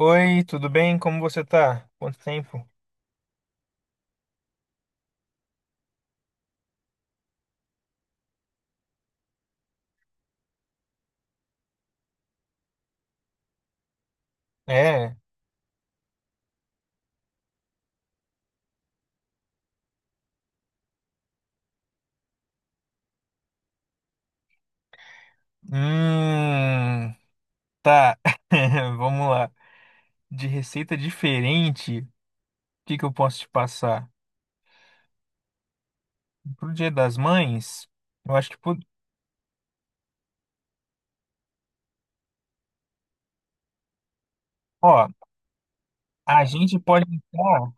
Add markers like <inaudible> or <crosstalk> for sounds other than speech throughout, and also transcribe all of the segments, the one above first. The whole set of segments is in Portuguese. Oi, tudo bem? Como você tá? Quanto tempo? É. Hum, tá. <laughs> Vamos lá. De receita diferente, o que que eu posso te passar? Pro Dia das Mães, eu acho que, ó, a gente pode entrar,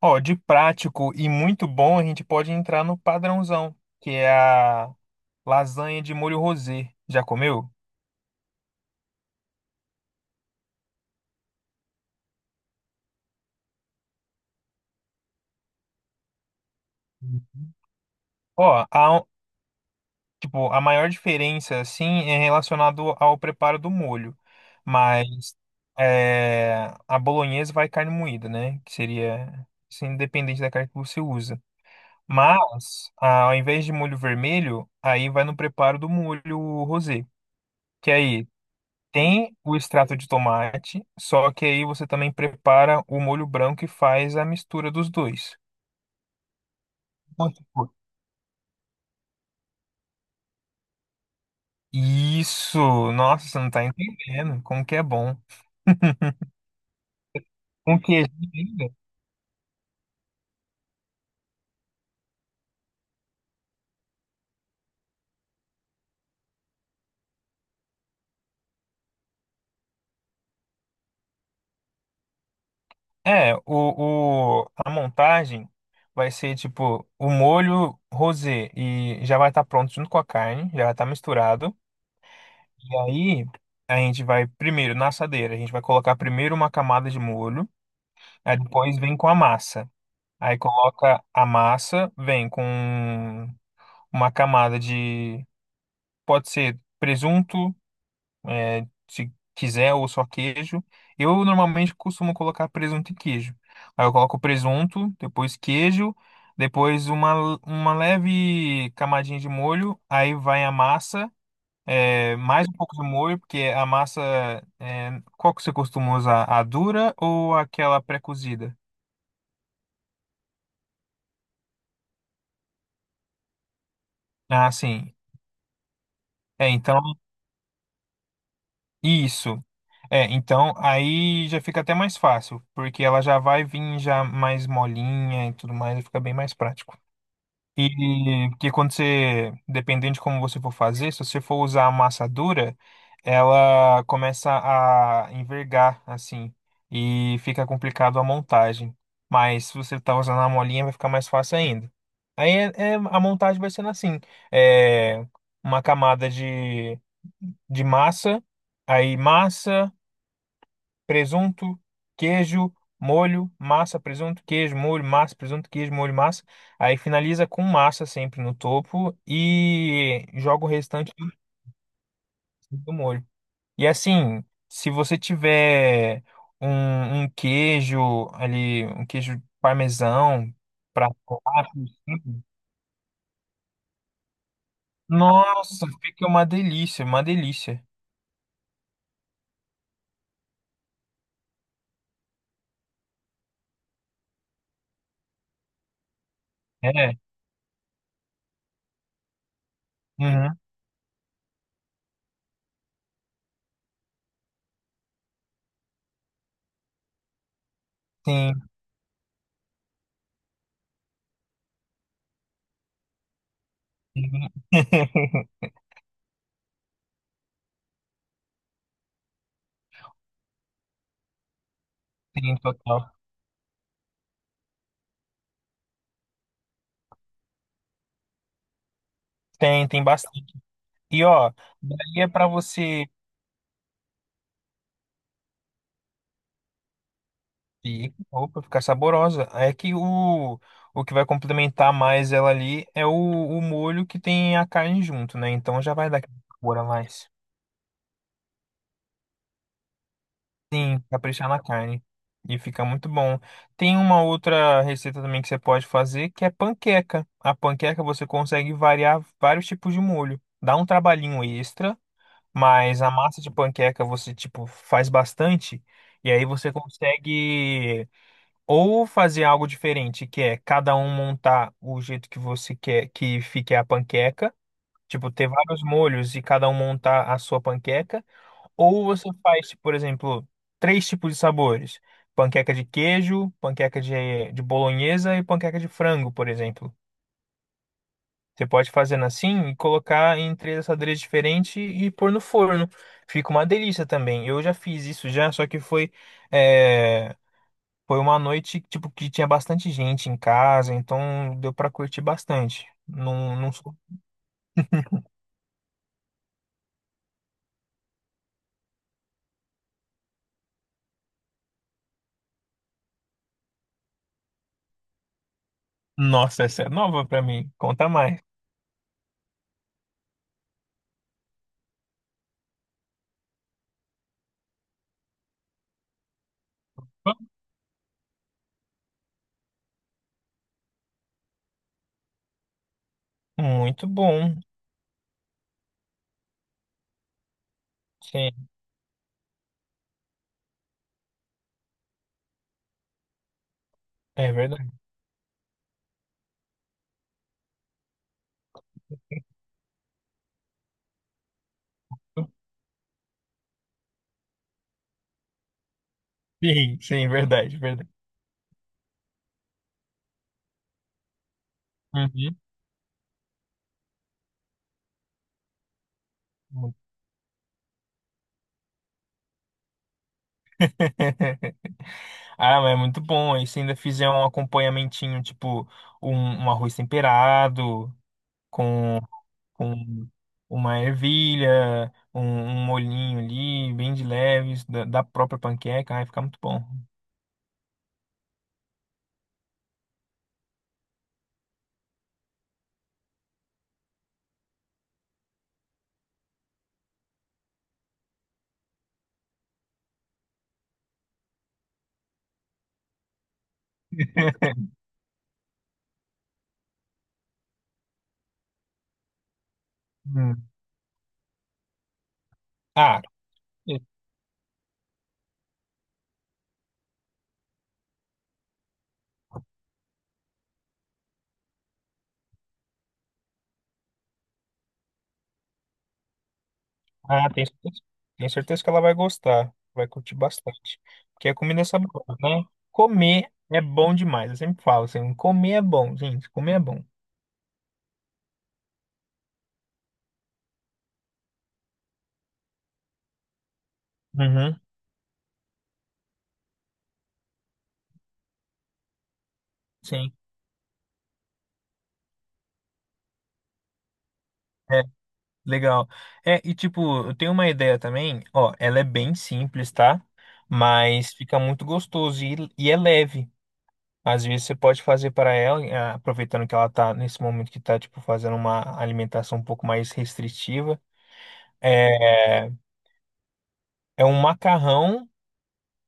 ó, de prático e muito bom, a gente pode entrar no padrãozão, que é a lasanha de molho rosé. Já comeu? Ó, tipo, a maior diferença, assim, é relacionado ao preparo do molho. Mas é, a bolonhesa vai carne moída, né? Que seria, assim, independente da carne que você usa. Mas, ah, ao invés de molho vermelho, aí vai no preparo do molho rosé. Que aí tem o extrato de tomate, só que aí você também prepara o molho branco e faz a mistura dos dois. Então, tipo, isso! Nossa, você não tá entendendo como que é bom. Com queijinho ainda? É, a montagem vai ser tipo o molho rosé e já vai estar pronto junto com a carne, já vai estar misturado. E aí a gente vai primeiro na assadeira, a gente vai colocar primeiro uma camada de molho, aí depois vem com a massa. Aí coloca a massa, vem com uma camada de, pode ser presunto, é, se quiser ou só queijo. Eu normalmente costumo colocar presunto e queijo. Aí eu coloco presunto, depois queijo, depois uma leve camadinha de molho, aí vai a massa, é, mais um pouco de molho, porque a massa, é, qual que você costuma usar? A dura ou aquela pré-cozida? Ah, sim. É, então, isso. É, então aí já fica até mais fácil, porque ela já vai vir já mais molinha e tudo mais, e fica bem mais prático. E porque quando você, dependendo de como você for fazer, se você for usar a massa dura, ela começa a envergar assim e fica complicado a montagem. Mas se você tá usando a molinha, vai ficar mais fácil ainda. Aí a montagem vai sendo assim, é uma camada de, massa, aí massa presunto, queijo, molho, massa, presunto, queijo, molho, massa, presunto, queijo, molho, massa. Aí finaliza com massa sempre no topo e joga o restante tudo do molho. E assim, se você tiver um queijo ali, um queijo parmesão para nossa, fica uma delícia, uma delícia. É, uhum, sim, sim, <laughs> sim, total. Tem bastante. E ó, daí é pra você opa, ficar saborosa. É que o que vai complementar mais ela ali é o molho que tem a carne junto, né? Então já vai dar aquele sabor a mais. Sim, caprichar na carne. E fica muito bom. Tem uma outra receita também que você pode fazer, que é panqueca. A panqueca você consegue variar vários tipos de molho. Dá um trabalhinho extra, mas a massa de panqueca você, tipo, faz bastante. E aí você consegue. Ou fazer algo diferente, que é cada um montar o jeito que você quer que fique a panqueca, tipo, ter vários molhos e cada um montar a sua panqueca. Ou você faz, tipo, por exemplo, três tipos de sabores: panqueca de queijo, panqueca de bolonhesa e panqueca de frango, por exemplo. Você pode fazer assim e colocar em três assadeiras diferentes e pôr no forno. Fica uma delícia também. Eu já fiz isso já, só que eh, foi uma noite, tipo, que tinha bastante gente em casa, então deu pra curtir bastante. Não, não. Nossa, essa é nova pra mim. Conta mais. Muito bom. Sim, é verdade. Sim, sim, verdade, verdade. Uhum. Muito. <laughs> Ah, mas é muito bom. E se ainda fizer um acompanhamentinho, tipo um, um arroz temperado com, com uma ervilha, um molhinho ali, bem de leves, da própria panqueca, vai ficar muito bom. Hum. Ah, e- ah, tem certeza, tenho certeza que ela vai gostar, vai curtir bastante. Porque a comida é saborosa, né? Comer é bom demais, eu sempre falo assim, comer é bom, gente, comer é bom. Uhum, sim, é, legal. É, e tipo, eu tenho uma ideia também, ó, ela é bem simples, tá? Mas fica muito gostoso e é leve. Às vezes você pode fazer para ela, eh, aproveitando que ela tá nesse momento que tá, tipo, fazendo uma alimentação um pouco mais restritiva. É um macarrão.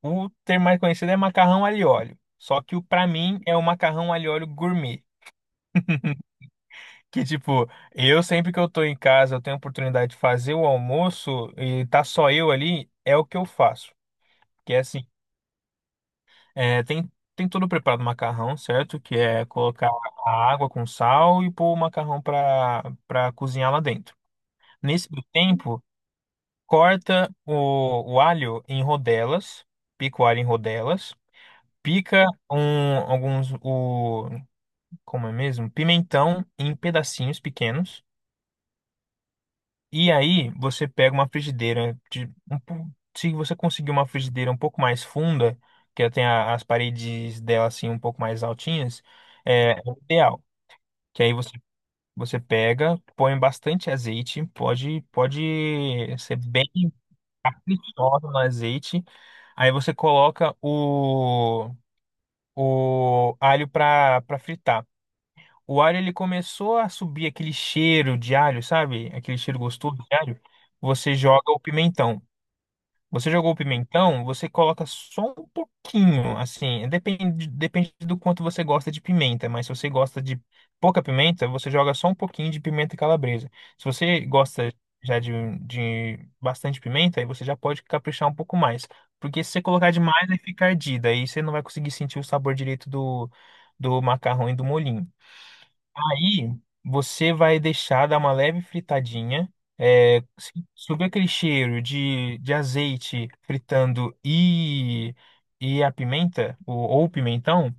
O termo mais conhecido é macarrão alho e óleo. Só que o para mim é o macarrão alho e óleo gourmet. Que tipo, eu sempre que eu tô em casa, eu tenho a oportunidade de fazer o almoço e tá só eu ali, é o que eu faço. Que é assim, é, tem tudo preparado o macarrão, certo? Que é colocar a água com sal e pôr o macarrão para cozinhar lá dentro. Nesse meio tempo, corta o alho em rodelas, pica o alho em rodelas, pica um, alguns o. Como é mesmo? Pimentão em pedacinhos pequenos. E aí você pega uma frigideira de um se você conseguir uma frigideira um pouco mais funda, que ela tem as paredes dela assim um pouco mais altinhas, é, é o ideal. Que aí você você pega, põe bastante azeite, pode ser bem fritada no azeite. Aí você coloca o alho para fritar. O alho ele começou a subir aquele cheiro de alho, sabe? Aquele cheiro gostoso de alho. Você joga o pimentão. Você jogou o pimentão, você coloca só um pouquinho, assim, depende, depende do quanto você gosta de pimenta, mas se você gosta de pouca pimenta, você joga só um pouquinho de pimenta calabresa. Se você gosta já de, bastante pimenta, aí você já pode caprichar um pouco mais. Porque se você colocar demais, aí fica ardida, aí você não vai conseguir sentir o sabor direito do, macarrão e do molhinho. Aí você vai deixar dar uma leve fritadinha. É, subir aquele cheiro de, azeite fritando e a pimenta, ou, o pimentão.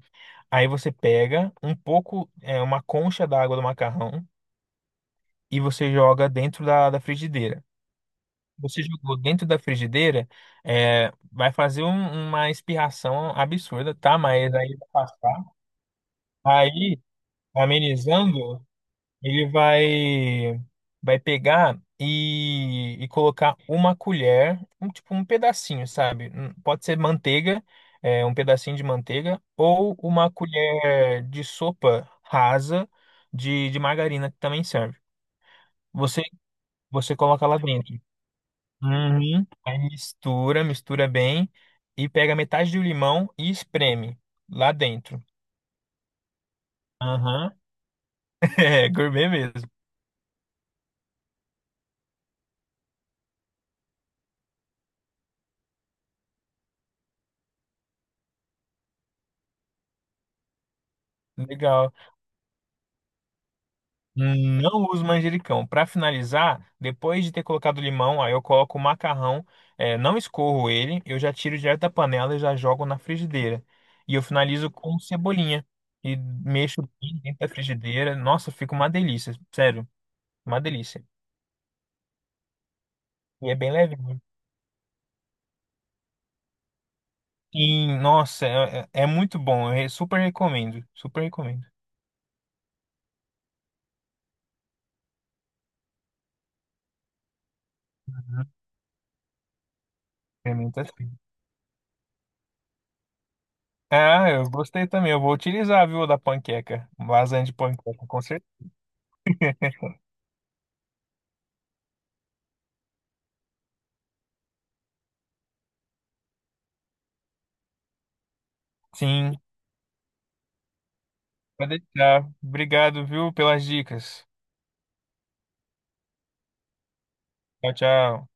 Aí você pega um pouco, é, uma concha d'água do macarrão e você joga dentro da, frigideira. Você jogou dentro da frigideira, é, vai fazer uma espirração absurda, tá? Mas aí vai passar. Aí, amenizando. Ele vai pegar e colocar uma colher, um tipo um pedacinho, sabe? Pode ser manteiga, é, um pedacinho de manteiga, ou uma colher de sopa rasa de margarina que também serve. Você você coloca lá dentro. Uhum. Aí mistura, mistura bem e pega metade do limão e espreme lá dentro. Aham. <laughs> É, gourmet mesmo. Legal. Não uso manjericão. Para finalizar, depois de ter colocado o limão, aí eu coloco o macarrão, é, não escorro ele, eu já tiro direto da panela e já jogo na frigideira. E eu finalizo com cebolinha e mexo bem dentro da frigideira. Nossa, fica uma delícia, sério, uma delícia. E é bem levinho. E nossa, é, é muito bom. Eu super recomendo, super recomendo. Uhum. Experimenta assim. Ah, eu gostei também. Eu vou utilizar, viu, da panqueca. Lasanha de panqueca, com certeza. <laughs> Sim. Pode deixar. Obrigado, viu, pelas dicas. Tchau, tchau.